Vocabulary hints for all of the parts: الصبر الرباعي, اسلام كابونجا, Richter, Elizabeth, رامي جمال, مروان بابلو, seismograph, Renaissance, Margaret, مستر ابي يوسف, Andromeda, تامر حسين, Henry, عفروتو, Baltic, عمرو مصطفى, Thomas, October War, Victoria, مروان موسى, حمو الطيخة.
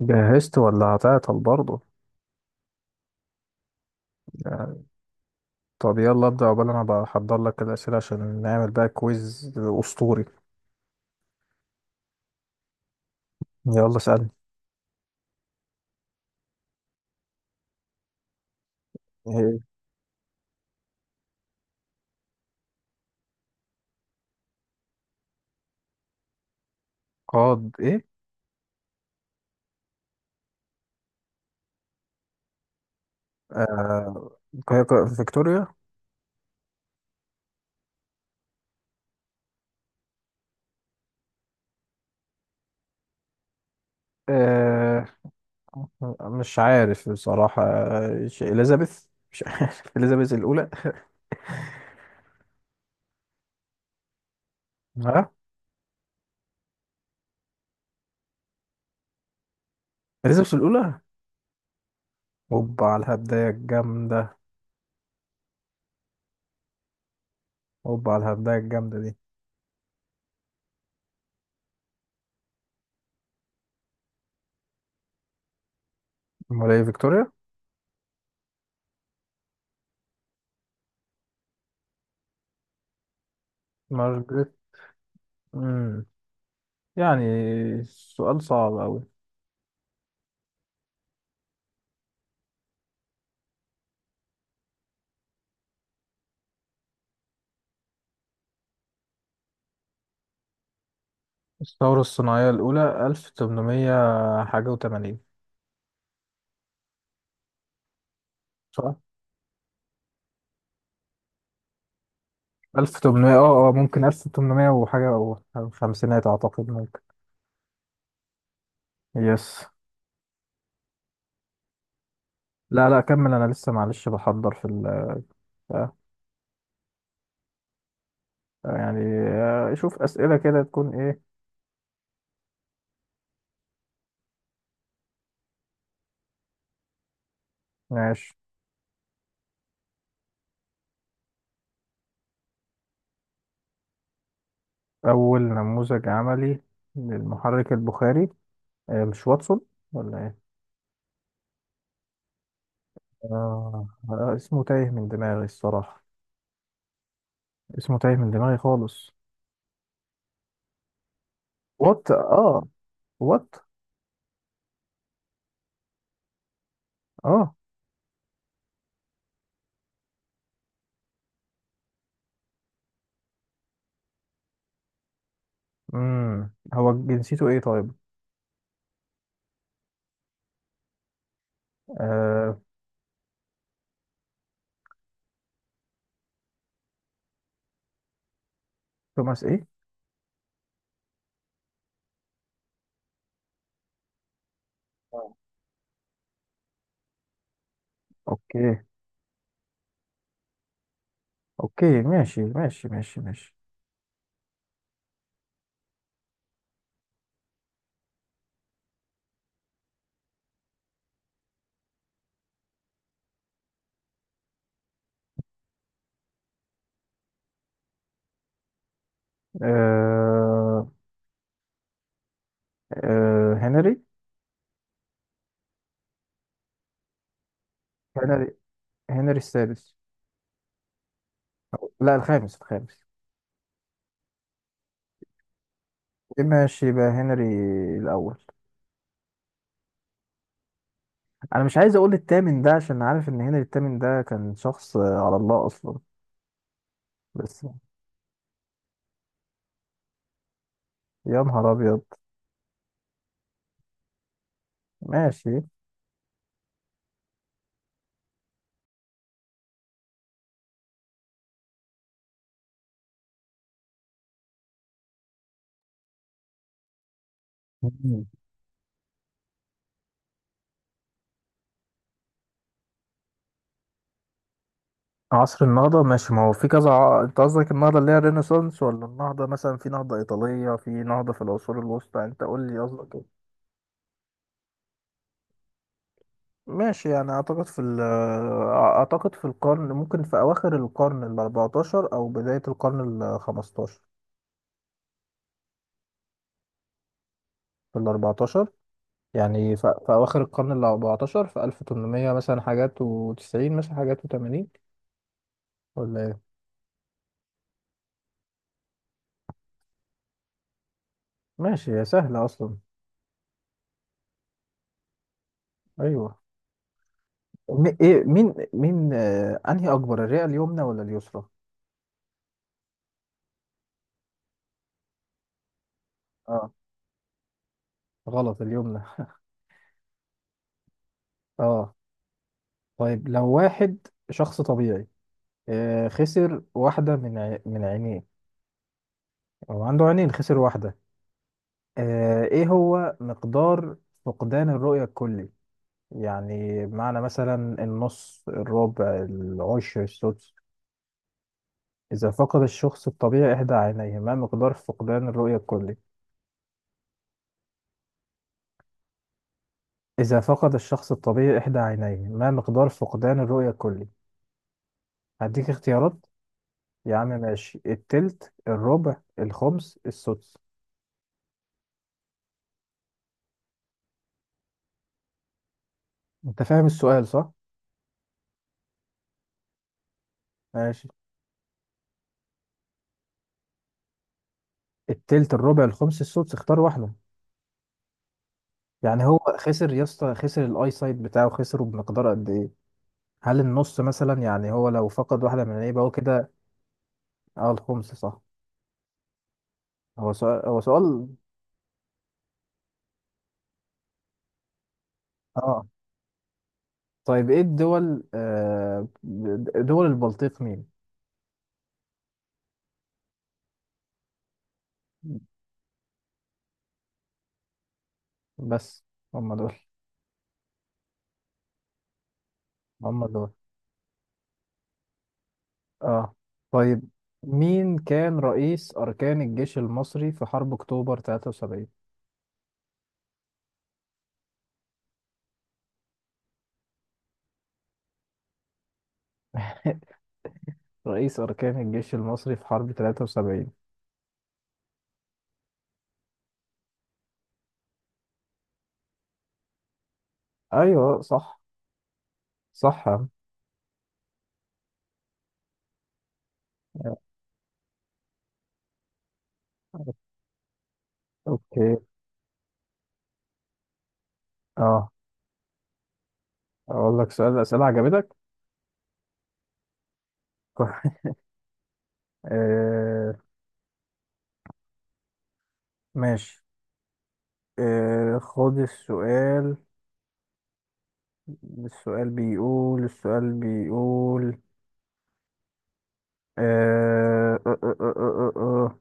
جهزت ولا هتعطل برضه؟ يعني. طب يلا ابدأ، عقبال انا بحضر لك الأسئلة عشان نعمل بقى كويز أسطوري. يلا اسألني. إيه؟ قاد ايه؟ آه... فيكتوريا. آه... مش عارف بصراحة، إليزابيث. مش عارف إليزابيث الأولى. ها. إليزابيث الأولى. هوبا على الهبداية الجامدة هوبا على الهبداية الجامدة دي. أمال إيه، فيكتوريا؟ مارجريت. مم. يعني سؤال صعب أوي. الثورة الصناعية الأولى ألف تمنمية حاجة وتمانين. صح؟ ألف تمنمية، اه، ممكن ألف تمنمية وحاجة، أو خمسينات أعتقد، ممكن. يس. لا، لا كمل أنا لسه، معلش، بحضر في ال آه، يعني، شوف أسئلة كده تكون إيه. ماشي. أول نموذج عملي للمحرك البخاري، مش واتسون ولا إيه؟ اسمه تايه من دماغي الصراحة، اسمه تايه من دماغي خالص. وات اه. وات اه. هو جنسيته ايه طيب؟ آه... توماس ايه؟ آه. اوكي، اوكي، ماشي، ماشي، ماشي، ماشي. آه... هنري. هنري هنري السادس. لا، الخامس، الخامس. إيه، ماشي يبقى هنري الاول. انا مش عايز اقول التامن ده عشان عارف ان هنري التامن ده كان شخص على الله اصلا. بس. يا نهار ابيض. ماشي. عصر النهضة، ماشي، ما هو في كذا، انت قصدك النهضة اللي هي الرينيسانس، ولا النهضة مثلا، في نهضة إيطالية، في نهضة في العصور الوسطى، انت قول لي قصدك ايه. ماشي، يعني اعتقد في اعتقد في القرن، ممكن في اواخر القرن ال 14 او بداية القرن ال 15. في ال 14، يعني في اواخر القرن ال 14، في 1800 مثلا حاجات و90 مثلا حاجات و80، ولا ايه؟ ماشي، يا سهلة اصلا. ايوه. ايه، مين، انهي اكبر، الرئة اليمنى ولا اليسرى؟ آه. غلط، اليمنى. اه. طيب لو واحد، شخص طبيعي، خسر واحدة من من عينيه، أو عنده عينين خسر واحدة، إيه هو مقدار فقدان الرؤية الكلي؟ يعني معنى مثلا النص، الربع، العشر، السدس. إذا فقد الشخص الطبيعي إحدى عينيه ما مقدار فقدان الرؤية الكلي؟ إذا فقد الشخص الطبيعي إحدى عينيه ما مقدار فقدان الرؤية الكلي؟ هديك اختيارات. يا عم ماشي، التلت، الربع، الخمس، السدس. انت فاهم السؤال صح؟ ماشي، التلت، الربع، الخمس، السدس، اختار واحدة. يعني هو خسر يا اسطى، خسر الاي سايت بتاعه، خسره بمقدار قد ايه؟ هل النص مثلا، يعني هو لو فقد واحدة من، يبقى هو كده. اه، الخمس صح. هو سؤال. اه، طيب ايه الدول، دول البلطيق مين؟ بس. هم دول. هم دول. اه. طيب، مين كان رئيس أركان الجيش المصري في حرب أكتوبر 73؟ رئيس أركان الجيش المصري في حرب 73. أيوه صح. صح يا عم. أوكي. اه، أقول لك سؤال، أسئلة عجبتك؟ آه ماشي. خد السؤال. السؤال بيقول. آه آه آه آه آه آه. آه.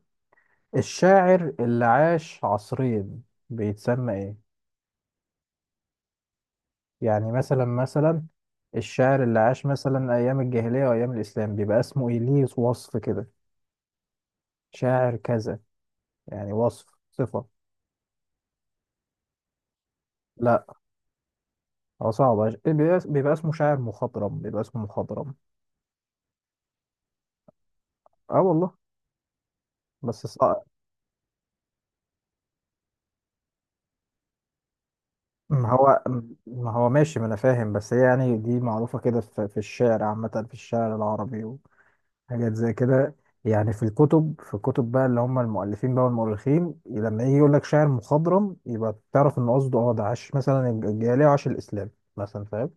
الشاعر اللي عاش عصرين بيتسمى إيه؟ يعني مثلا، الشاعر اللي عاش مثلا أيام الجاهلية وأيام الإسلام بيبقى اسمه إيه، ليه وصف كده شاعر كذا، يعني وصف صفة. لا، هو صعب. بيبقى اسمه شاعر مخضرم، بيبقى اسمه مخضرم. اه والله بس صعب. ما هو ما هو، ماشي، ما أنا فاهم، بس هي يعني دي معروفة كده في الشعر عامة، في الشعر العربي. حاجات زي كده، يعني في الكتب بقى اللي هم المؤلفين بقى والمؤرخين، لما يجي يقول لك شاعر مخضرم يبقى تعرف ان قصده، اه ده عاش مثلا الجاهليه وعاش الاسلام مثلا، فاهم.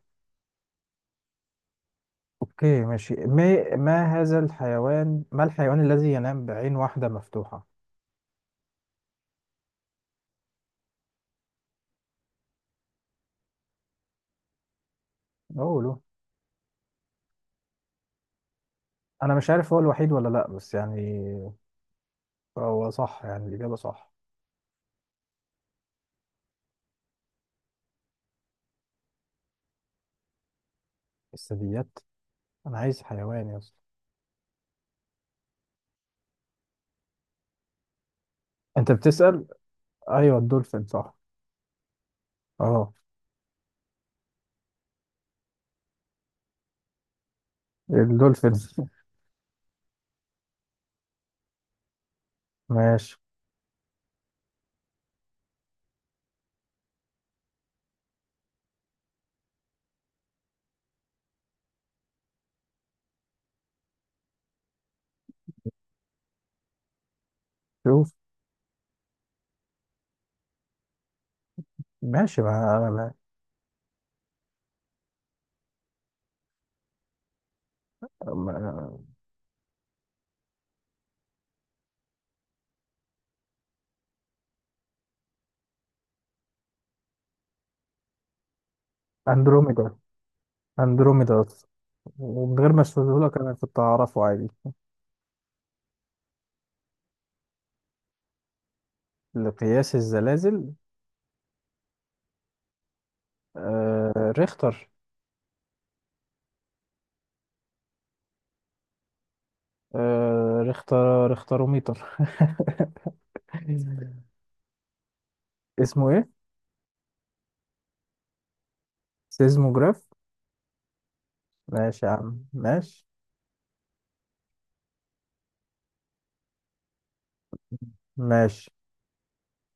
اوكي، ماشي، ما هذا الحيوان، ما الحيوان الذي ينام بعين واحده مفتوحه؟ اقوله. انا مش عارف هو الوحيد ولا لا، بس يعني هو صح يعني الاجابه صح. الثدييات، انا عايز حيوان يا اسطى. انت بتسال. ايوه، الدولفين صح. اه، الدولفين. ماشي. شوف. ماشي، ما- اندروميدا. اندروميدا أصلاً. ومن غير ما اشرحهولك انا كنت اعرفه عادي. لقياس الزلازل. آه ريختر. ريختر، ريختروميتر. اسمه ايه؟ سيزموجراف. ماشي يا عم، ماشي، ماشي.